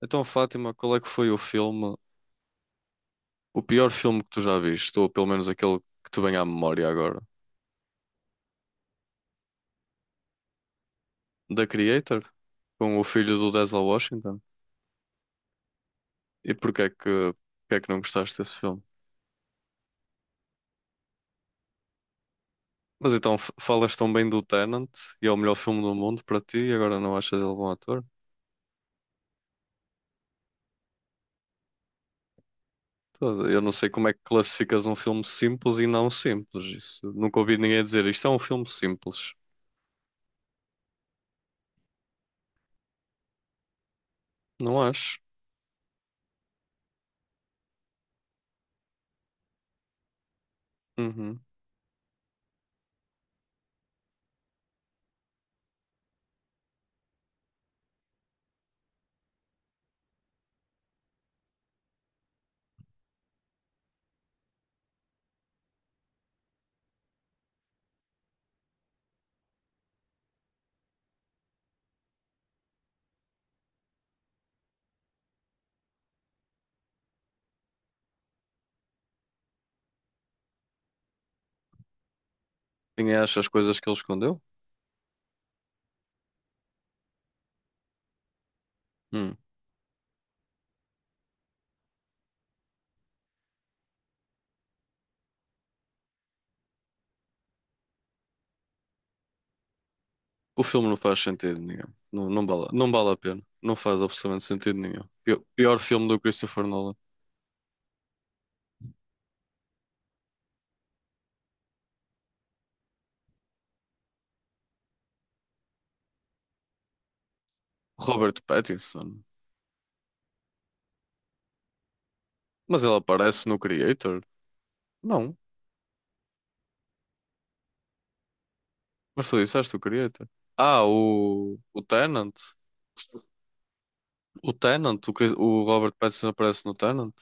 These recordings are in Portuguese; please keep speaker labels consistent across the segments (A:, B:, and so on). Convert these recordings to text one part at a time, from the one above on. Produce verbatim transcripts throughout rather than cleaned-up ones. A: Então, Fátima, qual é que foi o filme, o pior filme que tu já viste, ou pelo menos aquele que te vem à memória agora? The Creator? Com o filho do Denzel Washington? E porquê é que, Porque é que não gostaste desse filme? Mas então, f- falas tão bem do Tenant e é o melhor filme do mundo para ti e agora não achas ele bom ator? Tô- Eu não sei como é que classificas um filme simples e não simples. Isso, nunca ouvi ninguém dizer isto é um filme simples. Não acho. Uhum. Ninguém acha as coisas que ele escondeu? Hum. O filme não faz sentido nenhum. Não, não vale, não vale a pena. Não faz absolutamente sentido nenhum. Pior, pior filme do Christopher Nolan. Robert Pattinson. Mas ele aparece no Creator? Não. Mas tu disseste o Creator. Ah, o, o Tenant. O Tenant. O, Chris- o Robert Pattinson aparece no Tenant?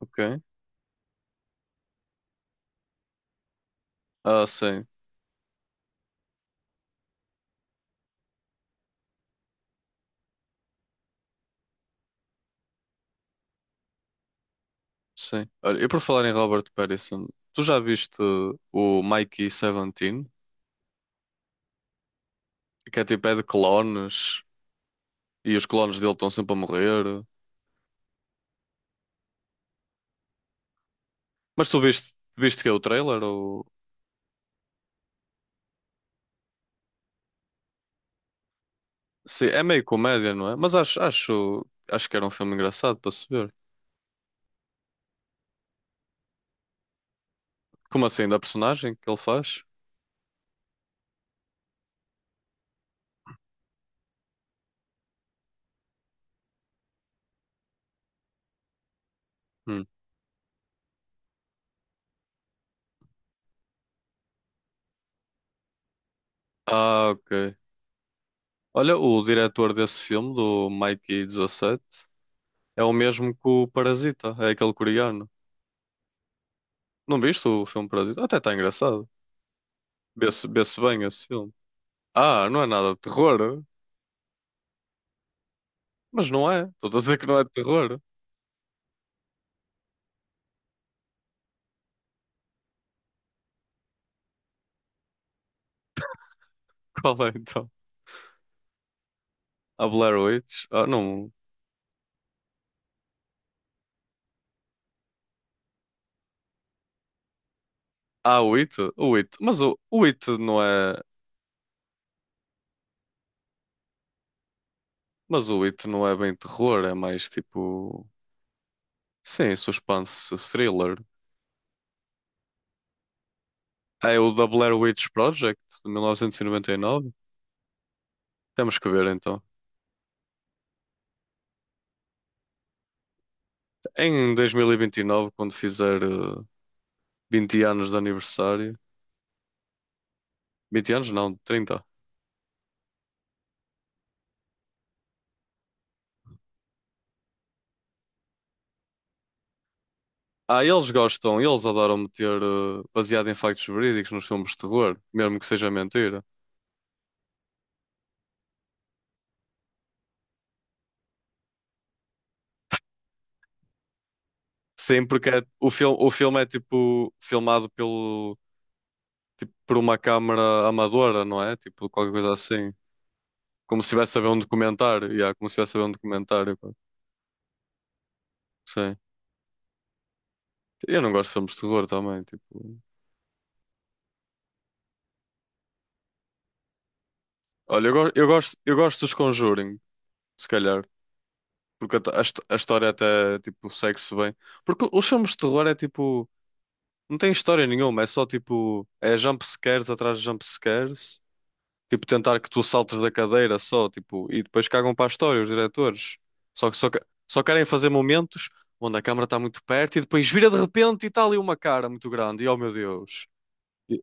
A: Ok. Ah, sim. Sim. Olha, e por falar em Robert Pattinson, tu já viste o Mikey dezassete? Que é tipo, é de clones. E os clones dele estão sempre a morrer. Mas tu viste viste que é o trailer? Ou... Sim, é meio comédia, não é? Mas acho, acho, acho que era um filme engraçado para se ver. Como assim? Da personagem que ele faz? Hum. Ah, ok. Olha, o diretor desse filme, do Mikey dezassete é o mesmo que o Parasita, é aquele coreano. Não viste o filme Parasita? Até está engraçado. Vê-se vê-se bem esse filme. Ah, não é nada de terror? Mas não é. Estou a dizer que não é de terror. Qual é então? A Blair Witch? Ah, não. Há oito? O oito. Mas o o oito não é. Mas o oito não é bem terror, é mais tipo. Sim, suspense thriller. Ah, é o da Blair Witch Project de mil novecentos e noventa e nove. Temos que ver então. Em dois mil e vinte e nove, quando fizer eh, vinte anos de aniversário. vinte anos não, trinta. Ah, eles gostam, eles adoram meter eh, baseado em factos verídicos nos filmes de terror, mesmo que seja mentira. Sim, porque é- o filme, o filme é tipo filmado pelo tipo, por uma câmara amadora, não é? Tipo, qualquer coisa assim. Como se estivesse a ver um documentário. Yeah, como se estivesse a ver um documentário. Pá. Sim. Eu não gosto de filmes de terror também. Tipo... Olha, eu, go- eu gosto, eu gosto dos Conjuring, se calhar. Porque a, t- a hist- a história até, tipo, segue-se bem. Porque os filmes de terror é, tipo... Não tem história nenhuma. É só, tipo... É jump scares atrás de jump scares. Tipo, tentar que tu saltes da cadeira só, tipo, e depois cagam para a história os diretores. Só que só, que- só querem fazer momentos onde a câmara está muito perto e depois vira de repente e está ali uma cara muito grande. E oh meu Deus. E-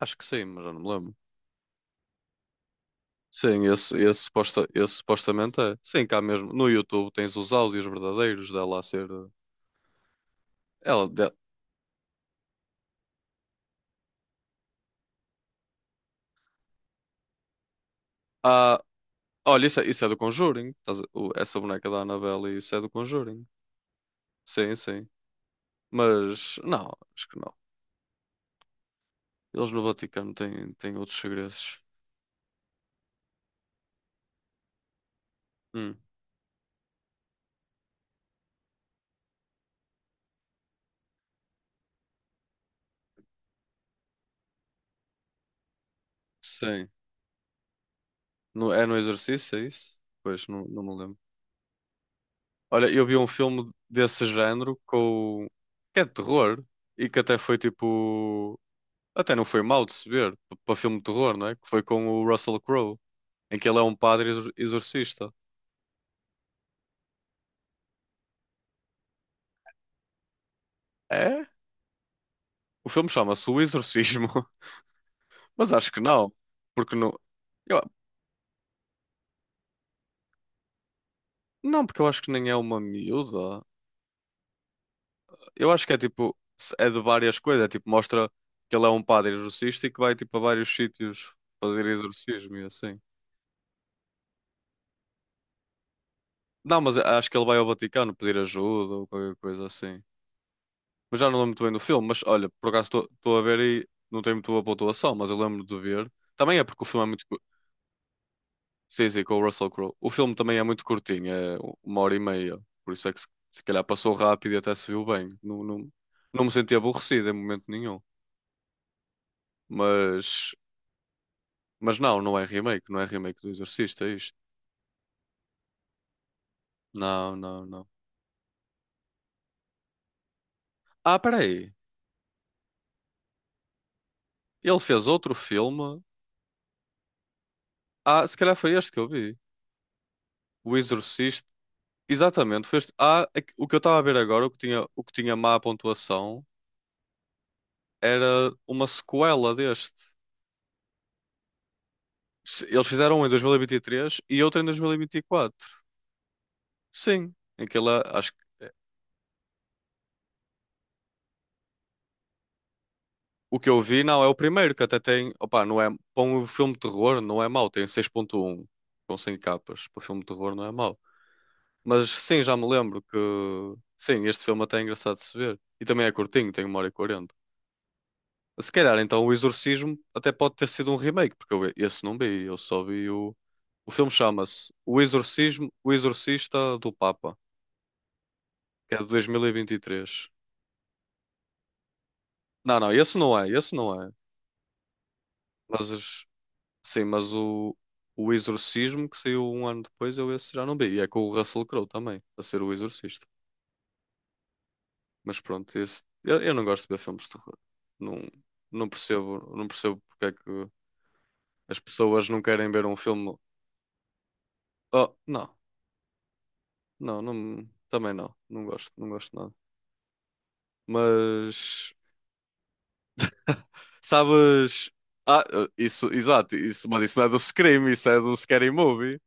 A: Acho que sim, mas já não me lembro. Sim, esse, esse, suposta, esse supostamente é. Sim, cá mesmo. No YouTube tens os áudios verdadeiros dela a ser. Ela, de- Ah, olha, isso é, isso é do Conjuring. Estás a- o- Essa boneca da Annabelle, isso é do Conjuring. Sim, sim. Mas não, acho que não. Eles no Vaticano têm, têm outros segredos. Hum, sim. No, é no exercício, é isso? Pois, não, não me lembro. Olha, eu vi um filme desse género com... que é de terror e que até foi tipo... Até não foi mal de se ver p- para filme de terror, não é? Que foi com o Russell Crowe, em que ele é um padre exor- exorcista. É? O filme chama-se O Exorcismo, mas acho que não, porque não... eu- Não, porque eu acho que nem é uma miúda. Eu acho que é tipo, é de várias coisas. É tipo, mostra que ele é um padre exorcista e que vai tipo a vários sítios fazer exorcismo e assim. Não, mas acho que ele vai ao Vaticano pedir ajuda ou qualquer coisa assim. Mas já não lembro muito bem do filme. Mas olha, por acaso estou a ver e não tem muito boa pontuação, mas eu lembro de ver. Também é porque o filme é muito. cu- Sim, sim, com o Russell Crowe. O filme também é muito curtinho, é uma hora e meia. Por isso é que se, se calhar passou rápido e até se viu bem. Não, não, não me senti aborrecido em momento nenhum. Mas. Mas não, não é remake, não é remake do Exorcista, é isto. Não, não, não. Ah, peraí. Ele fez outro filme. Ah, se calhar foi este que eu vi. O Exorcista. Exatamente, foi este. Ah, é que- o que eu estava a ver agora, o que tinha, o que tinha má pontuação, era uma sequela deste. Se- Eles fizeram um em dois mil e vinte e três e vinte e três e outro em dois mil e vinte e quatro. Sim, em que ele, é, acho que. É, o que eu vi, não, é o primeiro, que até tem. Opa, não é. Para um filme de terror, não é mau, tem seis ponto um com cem capas. Para um filme de terror, não é mau. Mas sim, já me lembro que. Sim, este filme até é engraçado de se ver. E também é curtinho, tem uma hora e quarenta. Se calhar, então, o Exorcismo até pode ter sido um remake, porque eu esse não vi, eu só vi o. O filme chama-se O Exorcismo, O Exorcista do Papa, que é de dois mil e vinte e três. Não, não, esse não é, esse não é. Mas, sim, mas o, o Exorcismo, que saiu um ano depois, eu esse já não vi. E é com o Russell Crowe também, a ser o Exorcista. Mas pronto, esse- eu, eu não gosto de ver filmes de terror. Não, não percebo, não percebo porque é que as pessoas não querem ver um filme. Oh, não, não, não, também não. Não gosto, não gosto nada. Mas sabes? Ah, isso, exato, isso, mas isso não é do Scream, isso é do Scary Movie.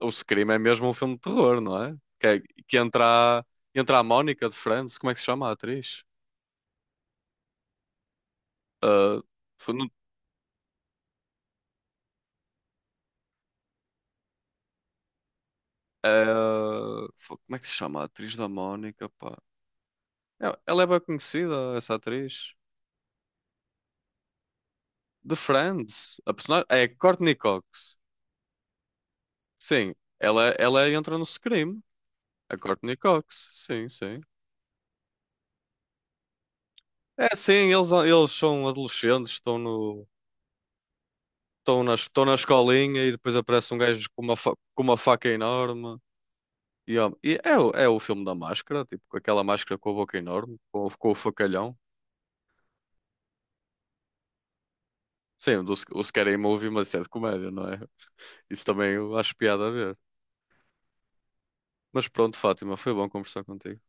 A: O Scream é mesmo um filme de terror, não é? Que, é- que entra, a- entra a Mónica de Friends, como é que se chama a atriz? Ah, foi no- ah, foi- como é que se chama a atriz da Mónica, pá? Não, ela é bem conhecida, essa atriz. De Friends. A personagem é Courtney Cox. Sim, ela, ela entra no Scream. A Courtney Cox. Sim, sim. É, sim, eles, eles são adolescentes, estão no, estão na, estão na escolinha e depois aparece um gajo com uma, fa- com uma faca enorme. E, ó, e é, o- É o filme da máscara, tipo, com aquela máscara com a boca enorme, com, o- com o facalhão. Sim, o, do, o Scary Movie, mas isso é de comédia, não é? Isso também eu acho piada a ver. Mas pronto, Fátima, foi bom conversar contigo.